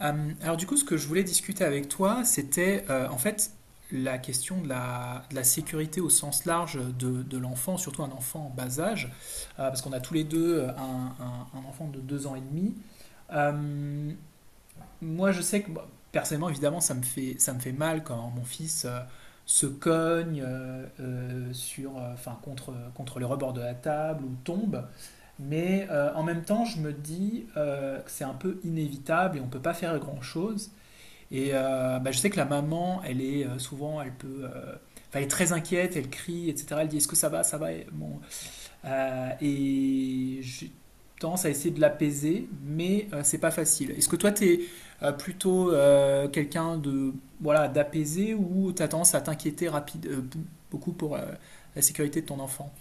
Alors du coup, ce que je voulais discuter avec toi, c'était en fait la question de la sécurité au sens large de l'enfant, surtout un enfant en bas âge, parce qu'on a tous les deux un enfant de deux ans et demi. Euh, moi, je sais que bah, personnellement, évidemment, ça me fait mal quand mon fils se cogne contre contre le rebord de la table ou tombe. Mais en même temps, je me dis que c'est un peu inévitable et on ne peut pas faire grand-chose. Et bah, je sais que la maman, elle est souvent, elle peut, elle est très inquiète, elle crie, etc. Elle dit est-ce que ça va, ça va. Et, bon, et j'ai tendance à essayer de l'apaiser, mais c'est pas facile. Est-ce que toi, t'es plutôt quelqu'un de voilà d'apaisé ou t'as tendance à t'inquiéter rapide beaucoup pour la sécurité de ton enfant?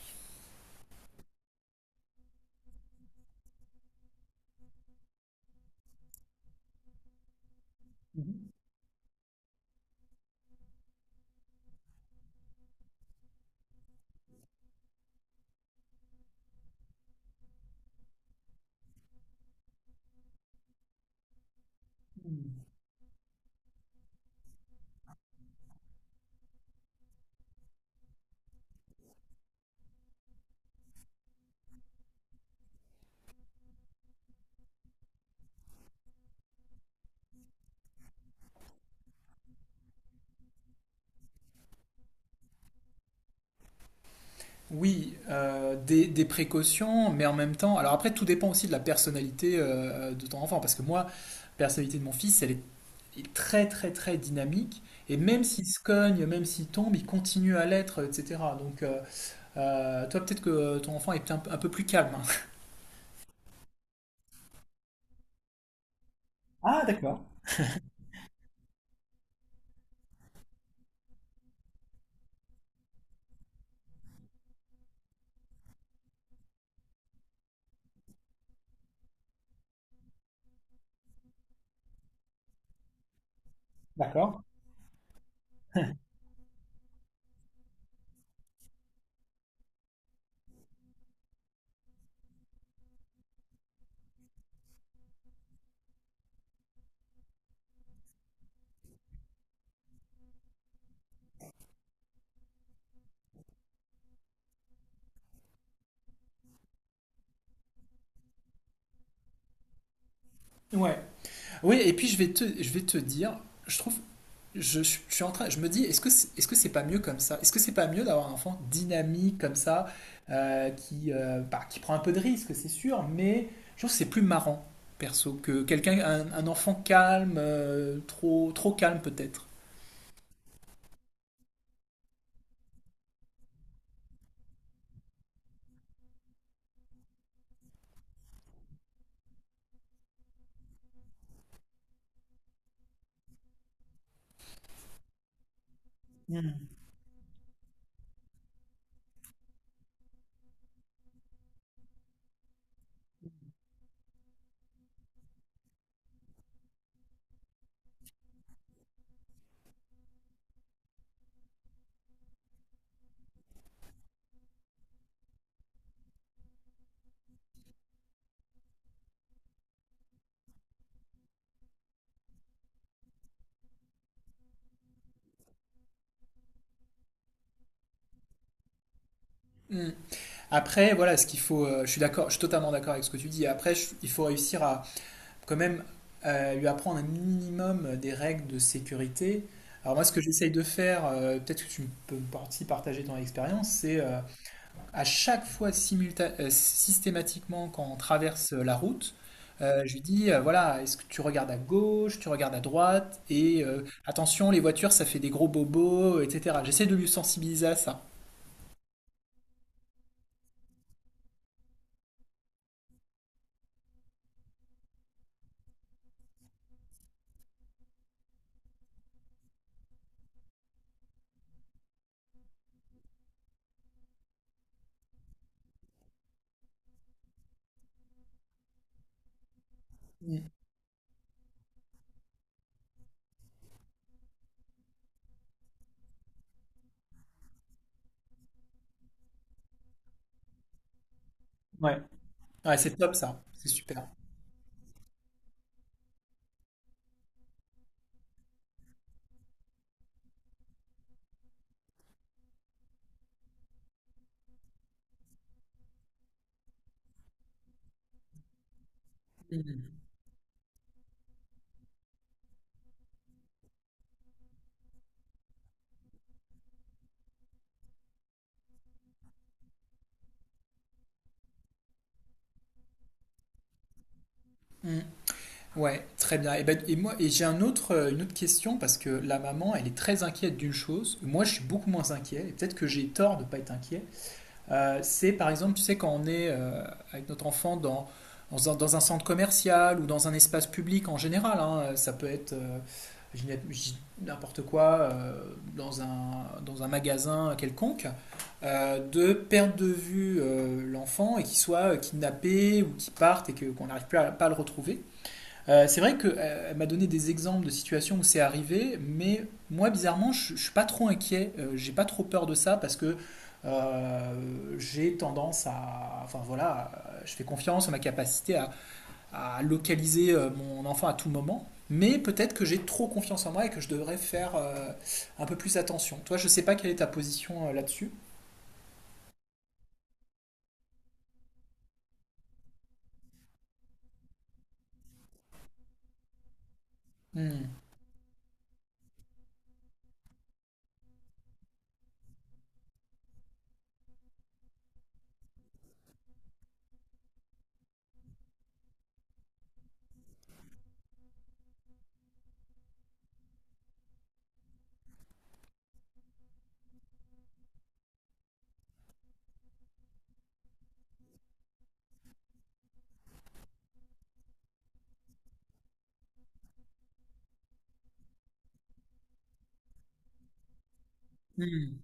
Oui, des précautions, mais en même temps, alors après, tout dépend aussi de la personnalité de ton enfant, parce que moi, la personnalité de mon fils, elle est très très très dynamique. Et même s'il se cogne, même s'il tombe, il continue à l'être, etc. Donc, toi, peut-être que ton enfant est un peu plus calme, hein. D'accord. Ouais. Oui, et puis je vais te dire, je trouve, je suis en train, je me dis, est-ce que c'est pas mieux comme ça? Est-ce que c'est pas mieux d'avoir un enfant dynamique comme ça, qui prend un peu de risque, c'est sûr, mais je trouve que c'est plus marrant, perso, que quelqu'un, un enfant calme, trop calme peut-être. Hmm. Hmm. Après, voilà, ce qu'il faut, je suis d'accord, je suis totalement d'accord avec ce que tu dis. Après, il faut réussir à quand même lui apprendre un minimum des règles de sécurité. Alors moi, ce que j'essaye de faire, peut-être que tu peux aussi partager ton expérience, c'est à chaque fois systématiquement quand on traverse la route, je lui dis, voilà, est-ce que tu regardes à gauche, tu regardes à droite, et attention, les voitures, ça fait des gros bobos, etc. J'essaie de lui sensibiliser à ça. Mm. Ouais, ouais, c'est top ça, c'est super. Mhm. Mhm. Ouais, très bien. Et, ben, et moi, et j'ai un autre, une autre question parce que la maman, elle est très inquiète d'une chose. Moi, je suis beaucoup moins inquiet. Et peut-être que j'ai tort de ne pas être inquiet. C'est par exemple, tu sais, quand on est avec notre enfant dans un centre commercial ou dans un espace public en général, hein, ça peut être je dis n'importe quoi dans un magasin quelconque, de perdre de vue l'enfant et qu'il soit kidnappé ou qu'il parte et que, qu'on n'arrive plus à, pas à le retrouver. C'est vrai qu'elle m'a donné des exemples de situations où c'est arrivé, mais moi, bizarrement, je suis pas trop inquiet, j'ai pas trop peur de ça parce que j'ai tendance à, enfin voilà, je fais confiance en ma capacité à localiser mon enfant à tout moment, mais peut-être que j'ai trop confiance en moi et que je devrais faire un peu plus attention. Toi, je sais pas quelle est ta position là-dessus. Hmm. Hmm.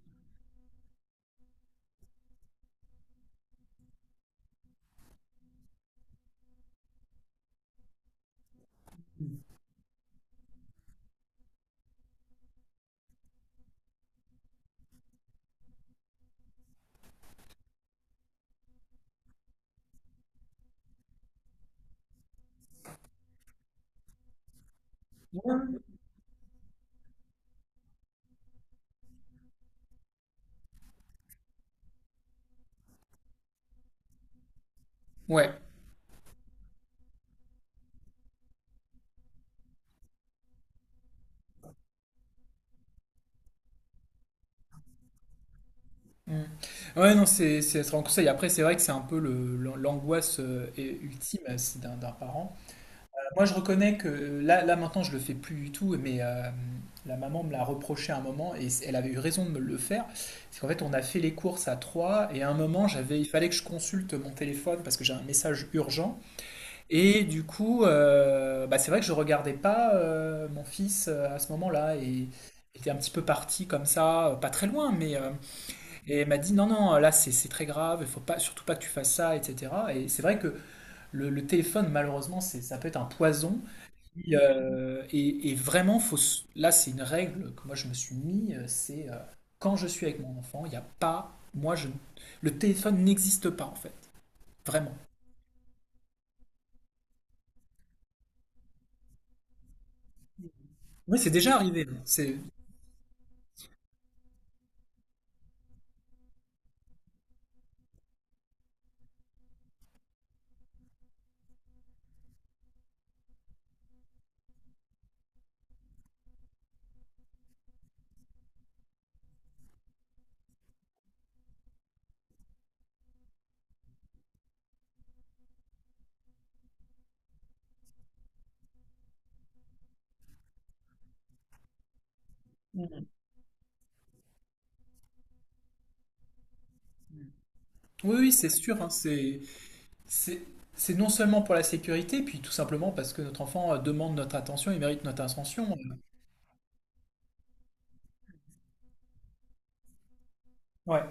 Ouais. Mm. Ouais, non, c'est un conseil. Après, c'est vrai que c'est un peu l'angoisse ultime c'est d'un parent. Moi, je reconnais que là maintenant, je le fais plus du tout, mais la maman me l'a reproché à un moment et elle avait eu raison de me le faire. C'est qu'en fait, on a fait les courses à trois et à un moment, il fallait que je consulte mon téléphone parce que j'ai un message urgent. Et du coup, bah, c'est vrai que je regardais pas mon fils à ce moment-là et il était un petit peu parti comme ça, pas très loin, mais et elle m'a dit non, non, là c'est très grave, il faut pas, surtout pas que tu fasses ça, etc. Et c'est vrai que le téléphone, malheureusement, c'est, ça peut être un poison. Et, et vraiment, là c'est une règle que moi je me suis mis, c'est quand je suis avec mon enfant, il n'y a pas, le téléphone n'existe pas en fait, vraiment. Oui, c'est déjà arrivé, hein. C'est, oui, oui, c'est sûr, hein, c'est, c'est non seulement pour la sécurité, puis tout simplement parce que notre enfant demande notre attention, il mérite notre attention. Ouais.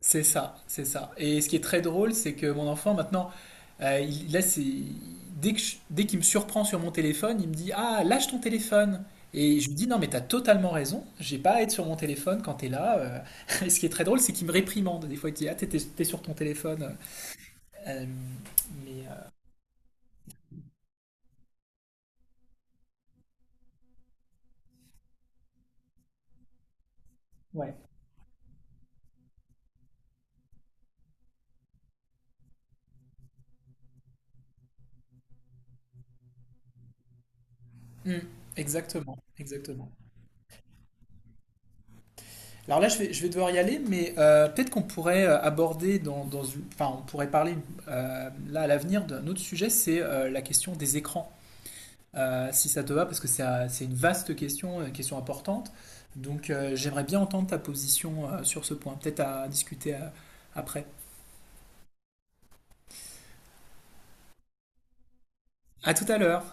C'est ça, c'est ça. Et ce qui est très drôle, c'est que mon enfant, maintenant, il, là, c'est, dès que je- dès qu'il me surprend sur mon téléphone, il me dit, Ah, lâche ton téléphone. Et je lui dis, Non, mais t'as totalement raison, j'ai pas à être sur mon téléphone quand t'es là. Et ce qui est très drôle, c'est qu'il me réprimande. Des fois, il dit, Ah, t'es sur ton téléphone. Euh, mais, euh, ouais. Mm, exactement, exactement. Alors là, je vais devoir y aller, mais peut-être qu'on pourrait aborder dans, dans une- enfin, on pourrait parler là à l'avenir d'un autre sujet, c'est la question des écrans. Si ça te va, parce que c'est une vaste question, une question importante. Donc j'aimerais bien entendre ta position sur ce point, peut-être à discuter après. À tout à l'heure.